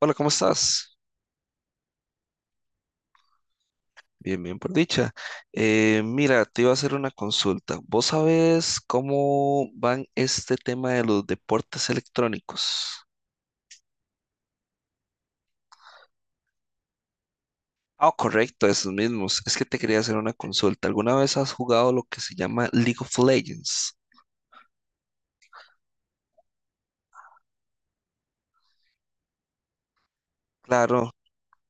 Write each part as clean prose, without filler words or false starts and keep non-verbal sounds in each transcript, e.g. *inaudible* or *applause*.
Hola, ¿cómo estás? Bien, bien, por dicha. Mira, te iba a hacer una consulta. ¿Vos sabés cómo van este tema de los deportes electrónicos? Ah, correcto, esos mismos. Es que te quería hacer una consulta. ¿Alguna vez has jugado lo que se llama League of Legends? Claro,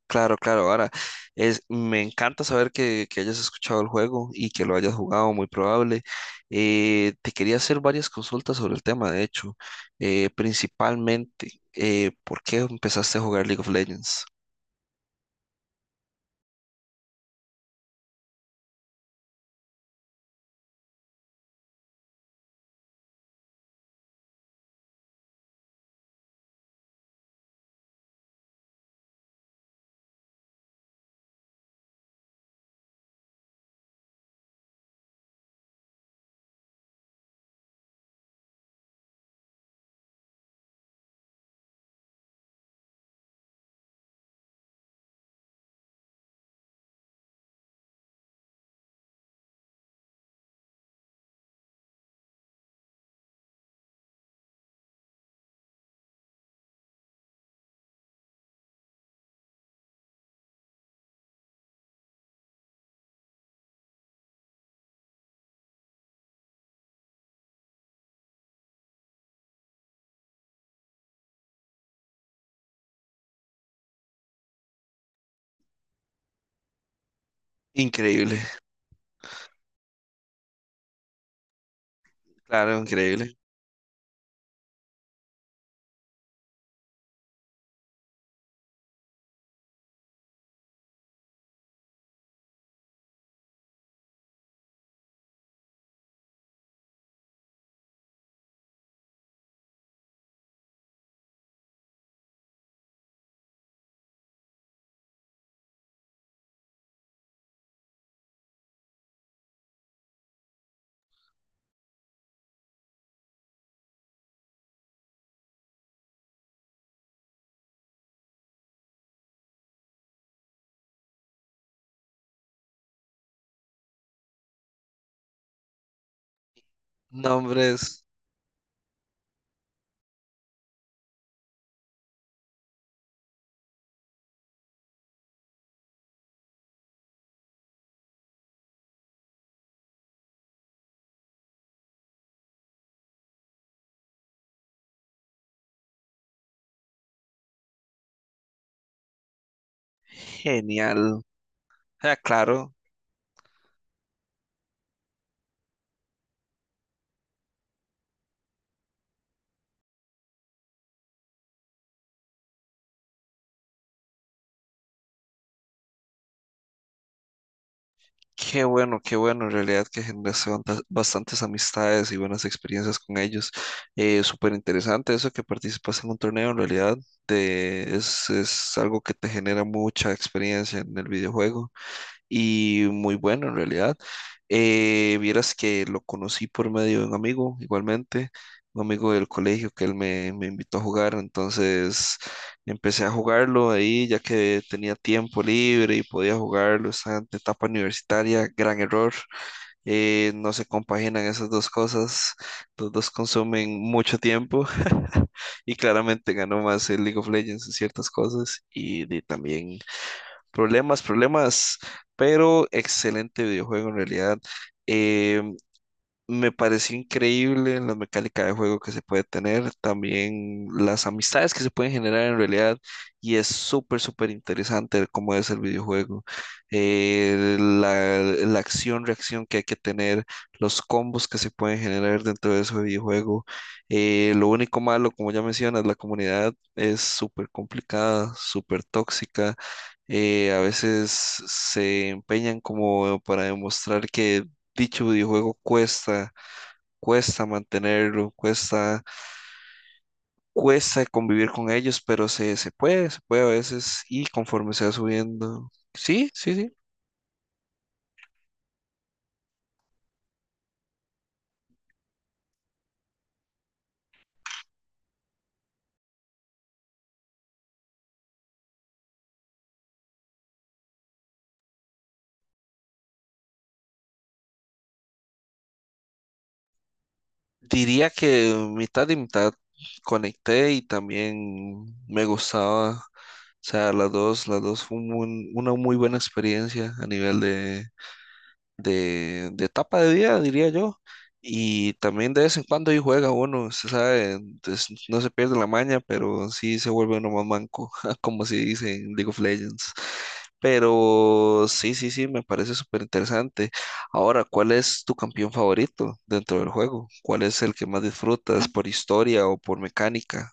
claro, claro, ahora me encanta saber que hayas escuchado el juego y que lo hayas jugado, muy probable. Te quería hacer varias consultas sobre el tema, de hecho. Principalmente, ¿por qué empezaste a jugar League of Legends? Increíble. *laughs* Claro, increíble. Nombres. Genial. Ah, claro. Qué bueno, en realidad que generaste bastantes amistades y buenas experiencias con ellos. Súper interesante eso que participas en un torneo, en realidad es algo que te genera mucha experiencia en el videojuego y muy bueno en realidad. Vieras que lo conocí por medio de un amigo, igualmente, un amigo del colegio que él me invitó a jugar, entonces empecé a jugarlo ahí ya que tenía tiempo libre y podía jugarlo, estaba en etapa universitaria, gran error, no se compaginan esas dos cosas, los dos consumen mucho tiempo. *laughs* Y claramente ganó más el League of Legends en ciertas cosas también problemas, problemas, pero excelente videojuego en realidad. Eh, Me pareció increíble la mecánica de juego que se puede tener, también las amistades que se pueden generar en realidad, y es súper, súper interesante cómo es el videojuego, eh, la, la acción, reacción que hay que tener, los combos que se pueden generar dentro de ese videojuego. Lo único malo, como ya mencionas, la comunidad es súper complicada, súper tóxica. A veces se empeñan como para demostrar que dicho videojuego cuesta mantenerlo, cuesta convivir con ellos, pero se puede a veces y conforme se va subiendo. Sí, sí, sí. Diría que mitad y mitad, conecté y también me gustaba. O sea, las dos fue una muy buena experiencia a nivel de etapa de vida, diría yo. Y también de vez en cuando ahí juega uno, se sabe, entonces no se pierde la maña, pero sí se vuelve uno más manco, *laughs* como se dice en League of Legends. Pero sí, sí, sí, me parece súper interesante. Ahora, ¿cuál es tu campeón favorito dentro del juego? ¿Cuál es el que más disfrutas por historia o por mecánica?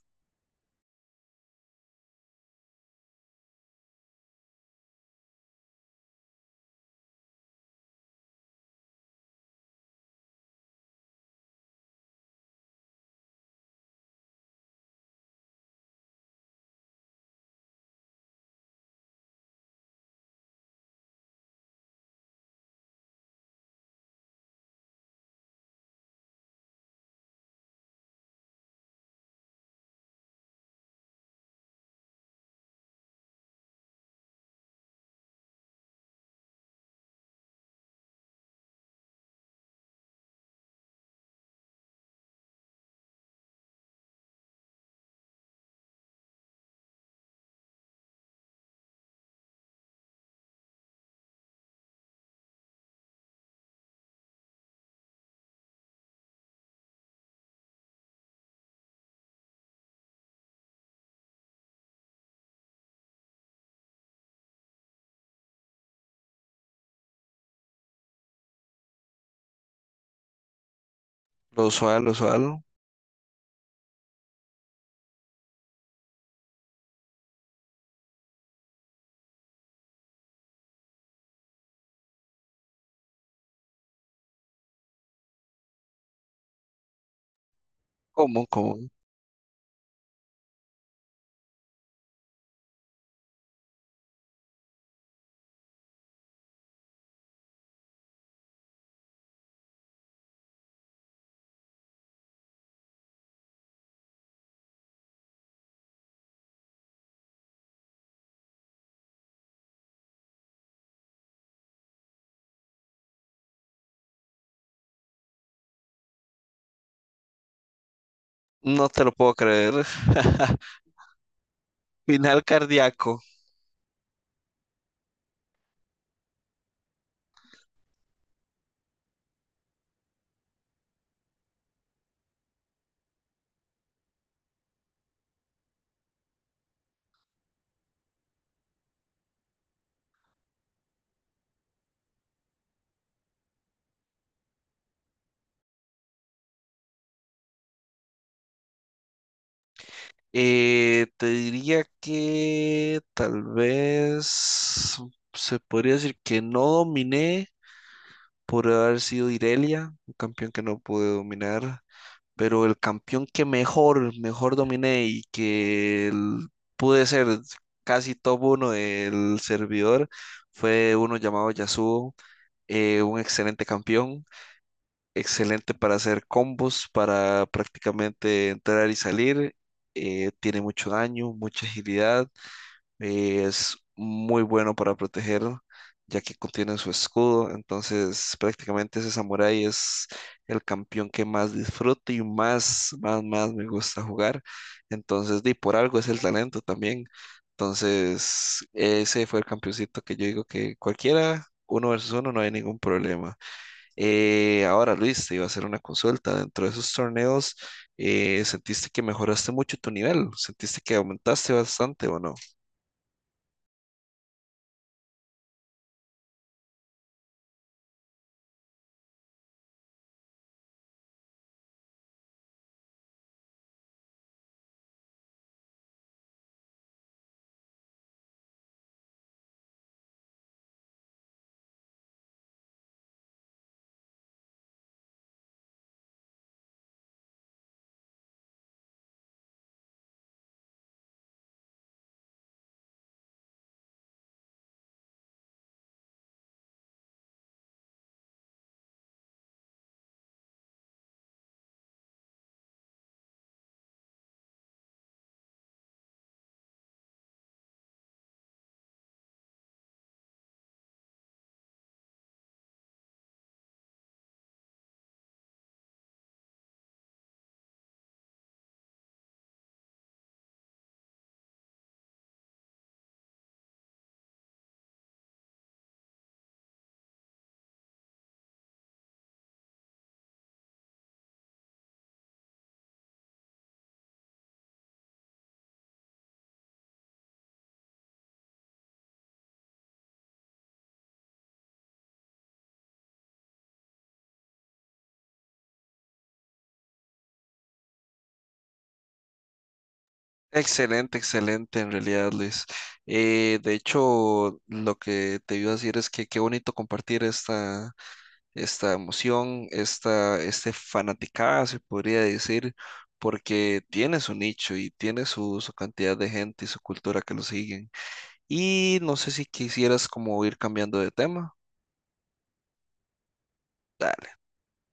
Lo usual, lo usual. ¿Cómo? ¿Cómo? No te lo puedo creer. *laughs* Final cardíaco. Te diría que tal vez se podría decir que no dominé, por haber sido Irelia, un campeón que no pude dominar, pero el campeón que mejor, mejor dominé y que pude ser casi top uno del servidor fue uno llamado Yasuo. Un excelente campeón, excelente para hacer combos, para prácticamente entrar y salir. Tiene mucho daño, mucha agilidad. Es muy bueno para proteger, ya que contiene su escudo. Entonces, prácticamente ese samurái es el campeón que más disfruto y más, más, más me gusta jugar. Entonces, di, por algo es el talento también. Entonces, ese fue el campeoncito que yo digo que cualquiera, uno versus uno, no hay ningún problema. Ahora, Luis, te iba a hacer una consulta. Dentro de esos torneos, ¿sentiste que mejoraste mucho tu nivel? ¿Sentiste que aumentaste bastante o no? Excelente, excelente, en realidad, Luis. De hecho, lo que te iba a decir es que qué bonito compartir esta emoción, este fanaticada, se podría decir, porque tiene su nicho y tiene su cantidad de gente y su cultura que lo siguen. Y no sé si quisieras como ir cambiando de tema.